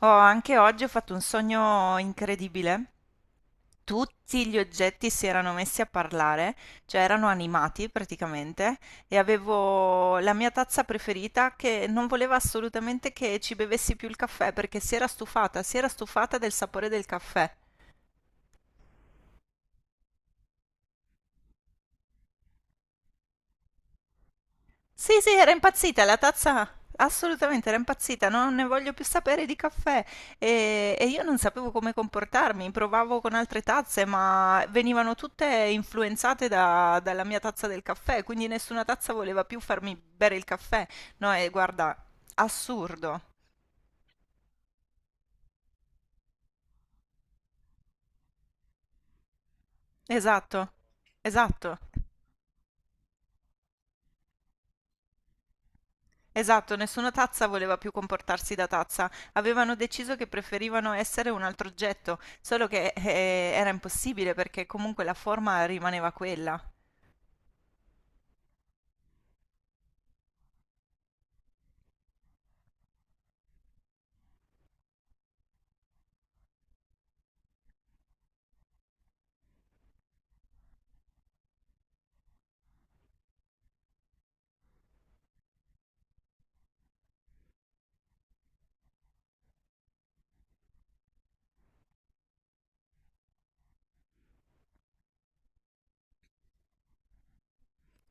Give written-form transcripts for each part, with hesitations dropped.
Oh, anche oggi ho fatto un sogno incredibile. Tutti gli oggetti si erano messi a parlare, cioè erano animati praticamente, e avevo la mia tazza preferita che non voleva assolutamente che ci bevessi più il caffè perché si era stufata del sapore del caffè. Sì, sì, era impazzita la tazza, assolutamente era impazzita, non ne voglio più sapere di caffè. E io non sapevo come comportarmi, provavo con altre tazze, ma venivano tutte influenzate dalla mia tazza del caffè, quindi nessuna tazza voleva più farmi bere il caffè. No, e guarda, assurdo. Esatto, esatto. Esatto, nessuna tazza voleva più comportarsi da tazza, avevano deciso che preferivano essere un altro oggetto, solo che era impossibile perché comunque la forma rimaneva quella.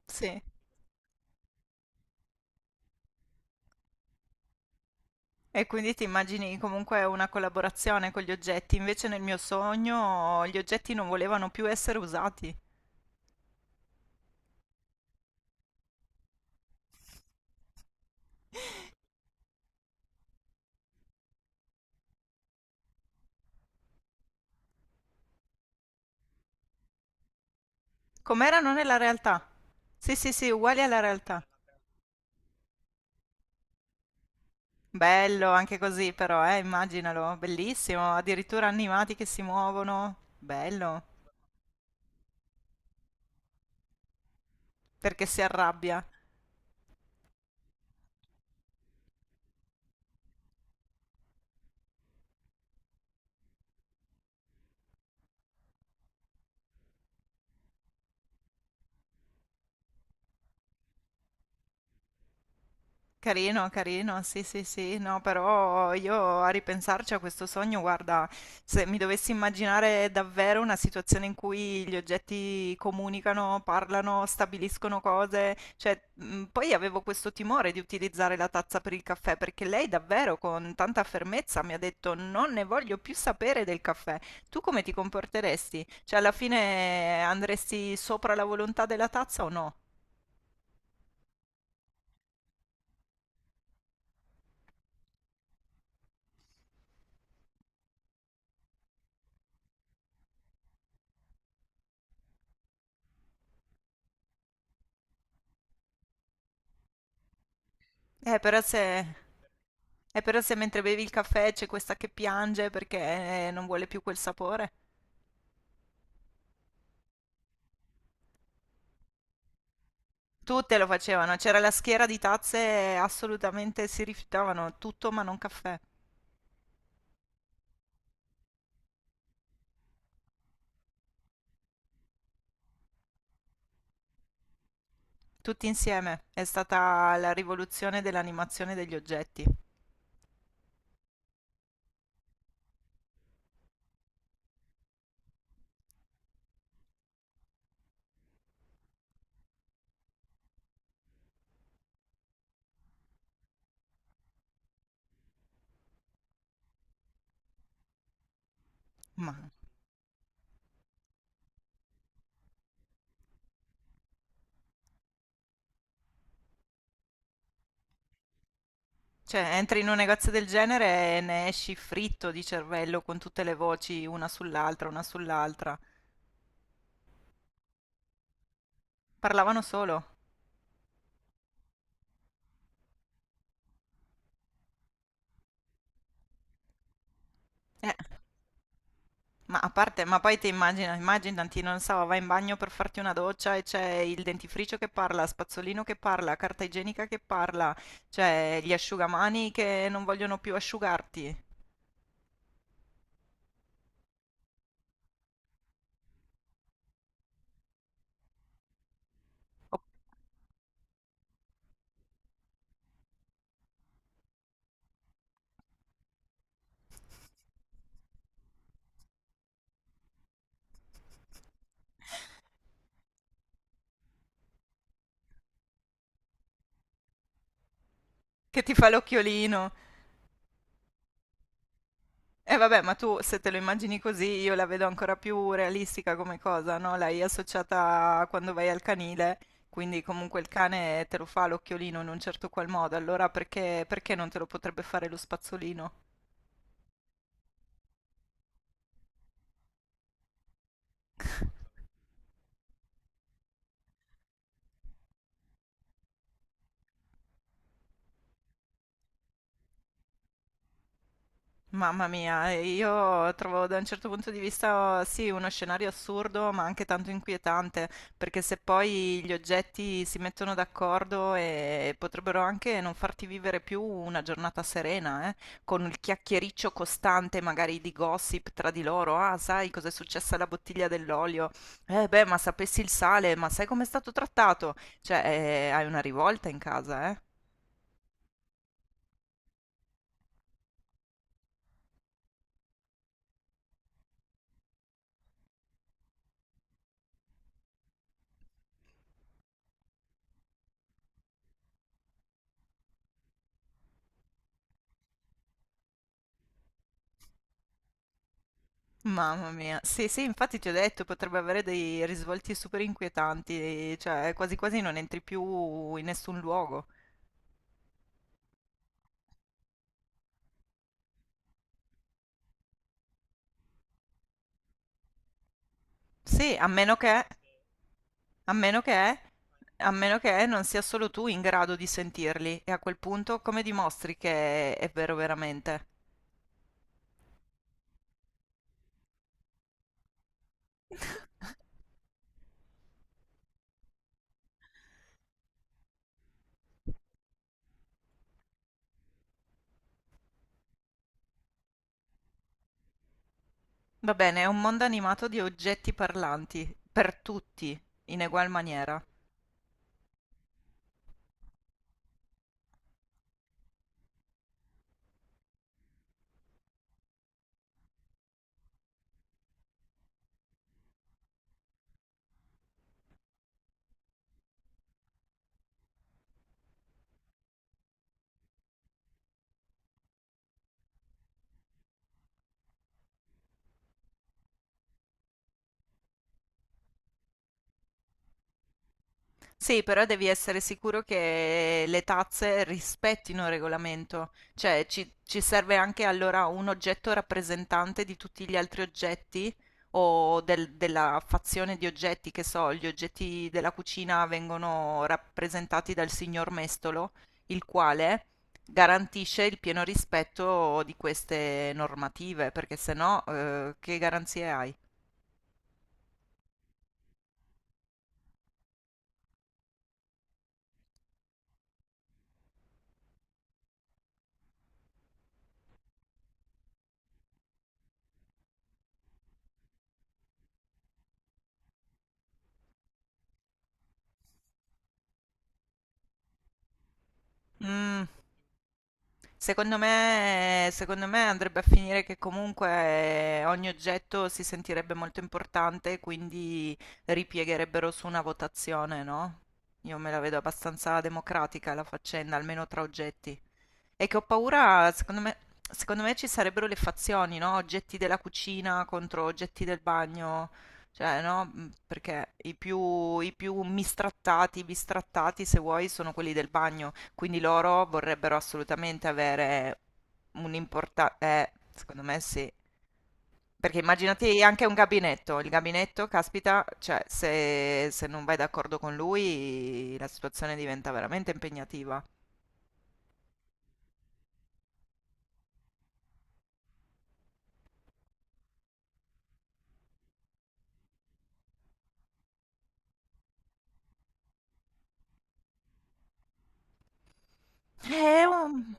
Sì. E quindi ti immagini comunque una collaborazione con gli oggetti, invece nel mio sogno gli oggetti non volevano più essere usati. Com'erano nella realtà? Sì, sì, sì, uguali alla realtà. Bello anche così però, immaginalo, bellissimo, addirittura animati che si muovono. Bello perché si arrabbia. Carino, carino, sì, sì, sì, no, però io a ripensarci a questo sogno, guarda, se mi dovessi immaginare davvero una situazione in cui gli oggetti comunicano, parlano, stabiliscono cose, cioè, poi avevo questo timore di utilizzare la tazza per il caffè, perché lei davvero con tanta fermezza mi ha detto non ne voglio più sapere del caffè. Tu come ti comporteresti? Cioè, alla fine andresti sopra la volontà della tazza o no? Eh, però se... però se mentre bevi il caffè c'è questa che piange perché non vuole più quel sapore. Tutte lo facevano, c'era la schiera di tazze, assolutamente si rifiutavano tutto ma non caffè. Tutti insieme. È stata la rivoluzione dell'animazione degli oggetti. Ma... cioè, entri in un negozio del genere e ne esci fritto di cervello con tutte le voci, una sull'altra, una sull'altra. Parlavano solo. Eh. Ma a parte, ma poi te immagina immaginati, non so, vai in bagno per farti una doccia e c'è il dentifricio che parla, spazzolino che parla, carta igienica che parla, cioè gli asciugamani che non vogliono più asciugarti, o che ti fa l'occhiolino. E vabbè, ma tu se te lo immagini così, io la vedo ancora più realistica come cosa, no? L'hai associata a quando vai al canile, quindi comunque il cane te lo fa l'occhiolino in un certo qual modo, allora perché non te lo potrebbe fare lo spazzolino? Mamma mia, e io trovo da un certo punto di vista sì, uno scenario assurdo, ma anche tanto inquietante, perché se poi gli oggetti si mettono d'accordo e potrebbero anche non farti vivere più una giornata serena, con il chiacchiericcio costante magari di gossip tra di loro, ah, sai cos'è successa alla bottiglia dell'olio? Eh beh, ma sapessi il sale, ma sai com'è stato trattato? Cioè, hai una rivolta in casa, eh. Mamma mia, sì, sì, infatti ti ho detto, potrebbe avere dei risvolti super inquietanti, cioè quasi quasi non entri più in nessun luogo. Sì, a meno che, a meno che non sia solo tu in grado di sentirli, e a quel punto come dimostri che è vero veramente? Va bene, è un mondo animato di oggetti parlanti, per tutti, in egual maniera. Sì, però devi essere sicuro che le tazze rispettino il regolamento, cioè ci serve anche allora un oggetto rappresentante di tutti gli altri oggetti o della fazione di oggetti, che so, gli oggetti della cucina vengono rappresentati dal signor Mestolo, il quale garantisce il pieno rispetto di queste normative, perché se no, che garanzie hai? Mm. Secondo me andrebbe a finire che comunque ogni oggetto si sentirebbe molto importante, quindi ripiegherebbero su una votazione, no? Io me la vedo abbastanza democratica la faccenda, almeno tra oggetti. E che ho paura, secondo me ci sarebbero le fazioni, no? Oggetti della cucina contro oggetti del bagno, cioè, no? Mm, perché i più mistrattati, bistrattati, se vuoi, sono quelli del bagno, quindi loro vorrebbero assolutamente avere un'importanza, secondo me sì. Perché immaginati anche un gabinetto, il gabinetto, caspita, cioè se non vai d'accordo con lui la situazione diventa veramente impegnativa. Eh, um,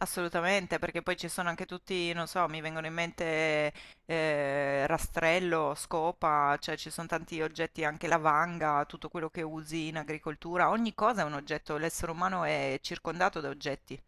Assolutamente, perché poi ci sono anche tutti, non so, mi vengono in mente rastrello, scopa, cioè ci sono tanti oggetti, anche la vanga, tutto quello che usi in agricoltura, ogni cosa è un oggetto, l'essere umano è circondato da oggetti.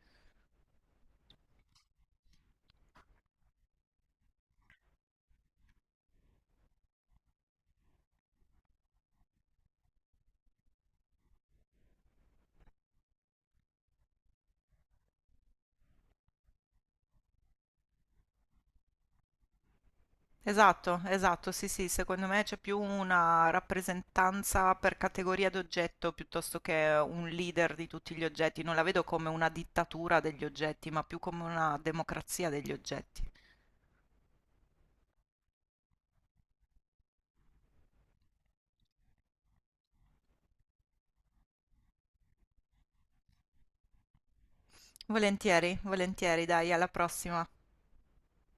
Esatto, esatto, sì, sì, secondo me c'è più una rappresentanza per categoria d'oggetto piuttosto che un leader di tutti gli oggetti, non la vedo come una dittatura degli oggetti, ma più come una democrazia degli oggetti. Volentieri, volentieri, dai, alla prossima.